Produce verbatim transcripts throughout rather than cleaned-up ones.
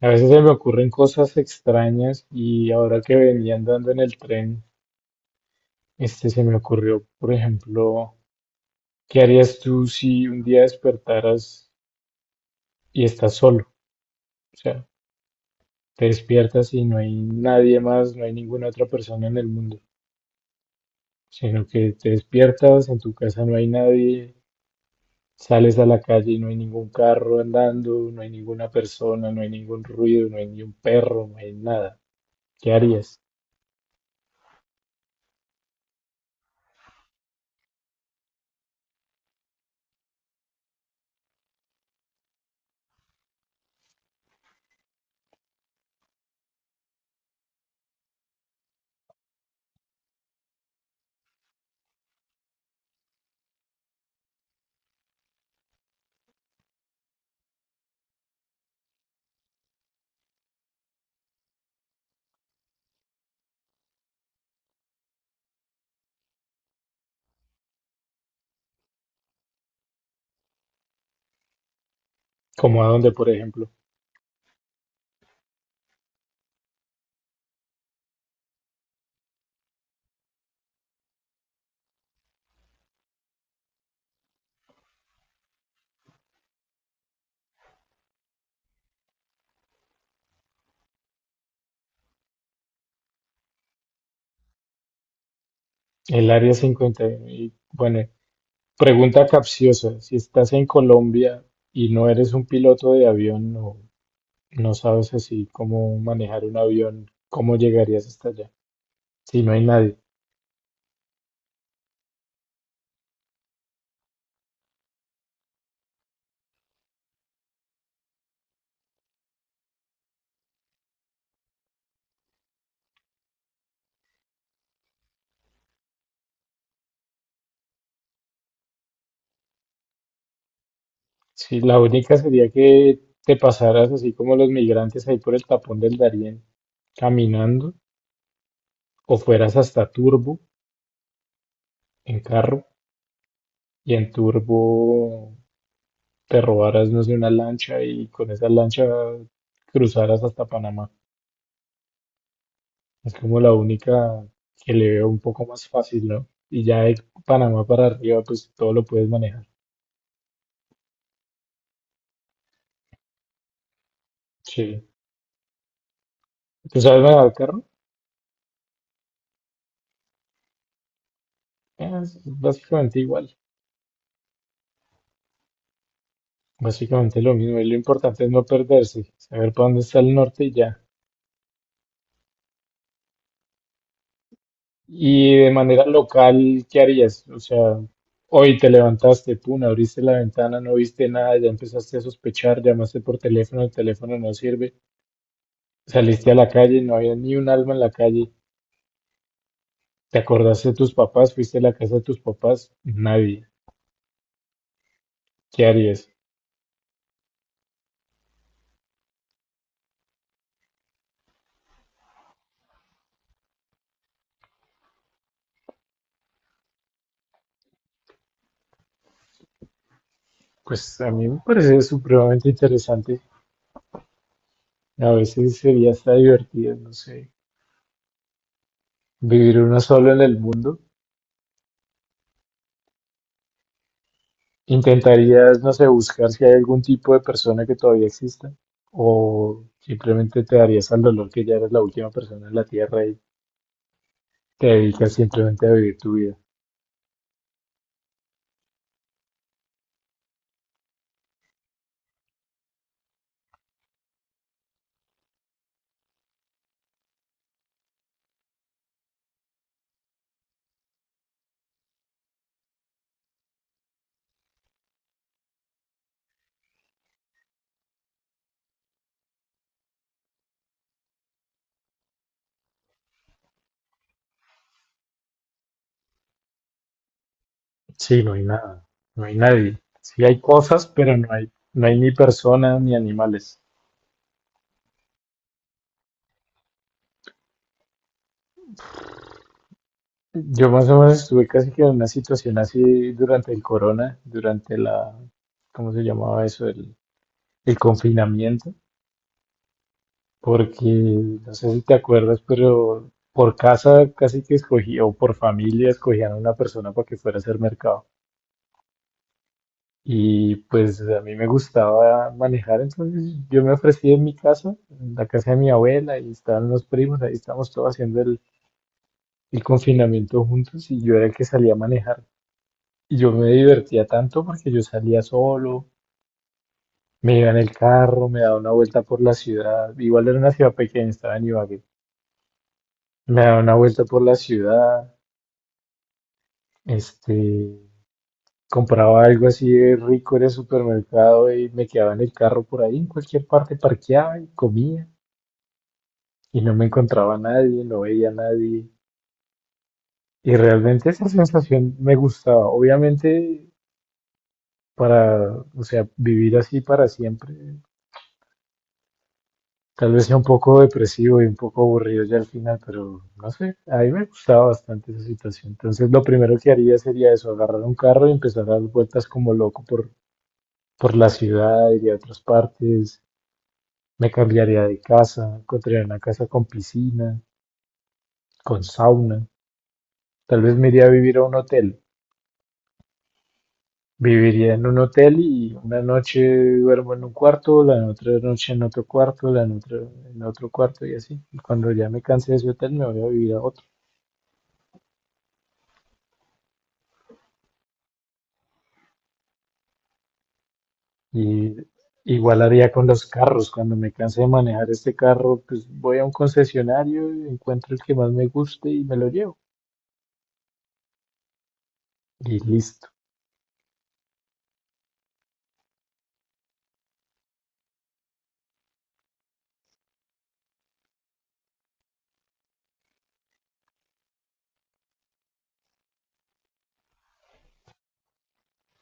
A veces se me ocurren cosas extrañas y ahora que venía andando en el tren, este se me ocurrió, por ejemplo, ¿qué harías tú si un día despertaras y estás solo? O sea, te despiertas y no hay nadie más, no hay ninguna otra persona en el mundo, sino que te despiertas, en tu casa no hay nadie, sales a la calle y no hay ningún carro andando, no hay ninguna persona, no hay ningún ruido, no hay ni un perro, no hay nada. ¿Qué harías? Como a dónde, por ejemplo? El área cincuenta y uno. Y uno. Y bueno, pregunta capciosa. Si estás en Colombia y no eres un piloto de avión, no, no sabes así cómo manejar un avión, ¿cómo llegarías hasta allá? Si no hay nadie. Si la única sería que te pasaras así como los migrantes ahí por el tapón del Darién, caminando, o fueras hasta Turbo en carro, y en Turbo te robaras, no sé, una lancha y con esa lancha cruzaras hasta Panamá. Es como la única que le veo un poco más fácil, ¿no? Y ya de Panamá para arriba, pues todo lo puedes manejar. Sí. ¿Tú sabes manejar el carro? Es básicamente igual. Básicamente lo mismo. Y lo importante es no perderse, saber para dónde está el norte y ya. Y de manera local, ¿qué harías? O sea, hoy te levantaste, pum, abriste la ventana, no viste nada, ya empezaste a sospechar, llamaste por teléfono, el teléfono no sirve, saliste a la calle, no había ni un alma en la calle. ¿Te acordaste de tus papás? ¿Fuiste a la casa de tus papás? Nadie. ¿Qué harías? Pues a mí me parece supremamente interesante. A veces sería hasta divertido, no sé, vivir uno solo en el mundo. ¿Intentarías, no sé, buscar si hay algún tipo de persona que todavía exista? ¿O simplemente te darías al dolor que ya eres la última persona en la Tierra y te dedicas simplemente a vivir tu vida? Sí, no hay nada, no hay nadie. Sí hay cosas, pero no hay, no hay ni personas ni animales. Yo más o menos estuve casi que en una situación así durante el corona, durante la, ¿cómo se llamaba eso? El, el confinamiento, porque no sé si te acuerdas, pero por casa casi que escogía, o por familia escogían a una persona para que fuera a hacer mercado. Y pues a mí me gustaba manejar, entonces yo me ofrecí en mi casa, en la casa de mi abuela, y estaban los primos, ahí estábamos todos haciendo el, el confinamiento juntos, y yo era el que salía a manejar. Y yo me divertía tanto porque yo salía solo, me iba en el carro, me daba una vuelta por la ciudad. Igual era una ciudad pequeña, estaba en Ibagué. Me daba una vuelta por la ciudad, este, compraba algo así de rico en el supermercado y me quedaba en el carro por ahí, en cualquier parte, parqueaba y comía y no me encontraba a nadie, no veía a nadie. Y realmente esa sensación me gustaba. Obviamente, para, o sea, vivir así para siempre tal vez sea un poco depresivo y un poco aburrido ya al final, pero no sé, a mí me gustaba bastante esa situación. Entonces lo primero que haría sería eso, agarrar un carro y empezar a dar vueltas como loco por, por la ciudad, iría a otras partes, me cambiaría de casa, encontraría una casa con piscina, con sauna, tal vez me iría a vivir a un hotel. Viviría en un hotel y una noche duermo en un cuarto, la otra noche en otro cuarto, la otra en otro cuarto y así. Y cuando ya me canse de ese hotel me voy a vivir a otro. Y igual haría con los carros. Cuando me canse de manejar este carro, pues voy a un concesionario, encuentro el que más me guste y me lo llevo. Y listo.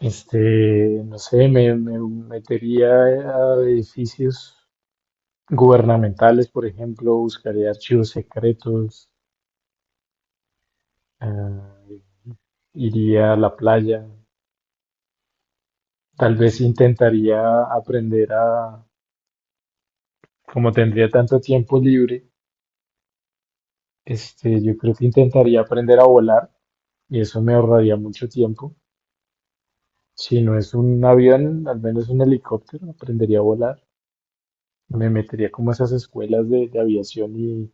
Este, no sé, me, me metería a edificios gubernamentales, por ejemplo, buscaría archivos secretos, ah, iría a la playa, tal vez intentaría aprender a, como tendría tanto tiempo libre, este, yo creo que intentaría aprender a volar y eso me ahorraría mucho tiempo. Si no es un avión, al menos un helicóptero, aprendería a volar. Me metería como a esas escuelas de, de aviación y,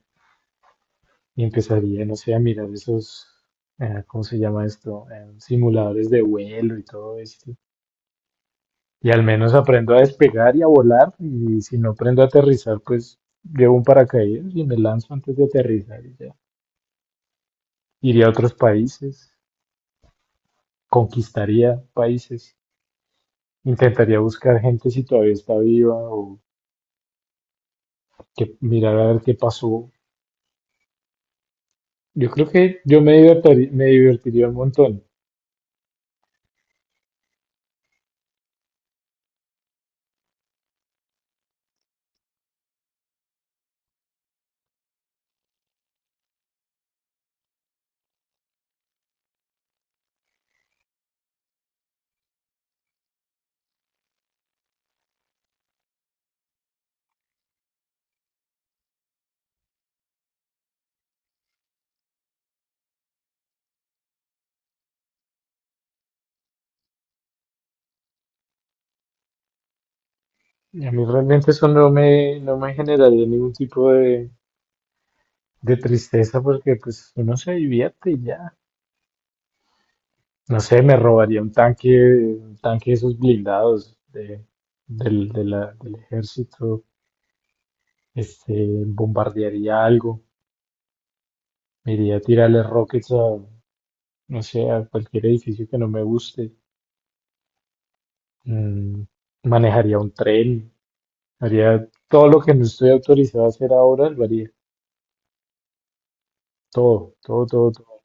y empezaría, no sé, a mirar esos, eh, ¿cómo se llama esto? Eh, simuladores de vuelo y todo esto. Y al menos aprendo a despegar y a volar. Y si no aprendo a aterrizar, pues llevo un paracaídas y me lanzo antes de aterrizar y ya. Iría a otros países, conquistaría países, intentaría buscar gente si todavía está viva o que mirar a ver qué pasó. Yo creo que yo me divertiría, me divertiría un montón. Y a mí realmente eso no me, no me generaría ningún tipo de, de tristeza porque pues uno se divierte y ya. No sé, me robaría un tanque, un tanque de esos blindados de, del, de la- del ejército, este, bombardearía algo, me iría a tirarle rockets a, no sé, a cualquier edificio que no me guste, mm, manejaría un tren, haría todo lo que no estoy autorizado a hacer ahora, lo haría. Todo, todo, todo, todo.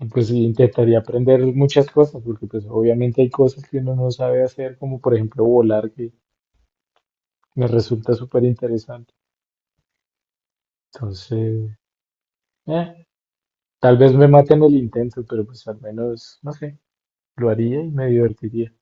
Y pues sí, intentaría aprender muchas cosas, porque pues obviamente hay cosas que uno no sabe hacer, como por ejemplo volar, que me resulta súper interesante. Entonces, eh, tal vez me maten el intento, pero pues al menos, no sé, lo haría y me divertiría.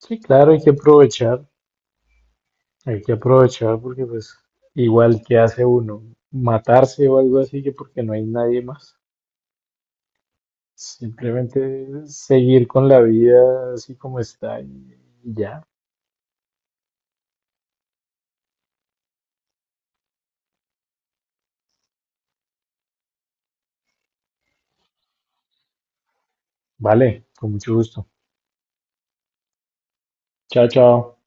Sí, claro, hay que aprovechar, hay que aprovechar porque pues igual que hace uno, matarse o algo así, que porque no hay nadie más. Simplemente seguir con la vida así como está y y ya. Vale, con mucho gusto. Chao, chao.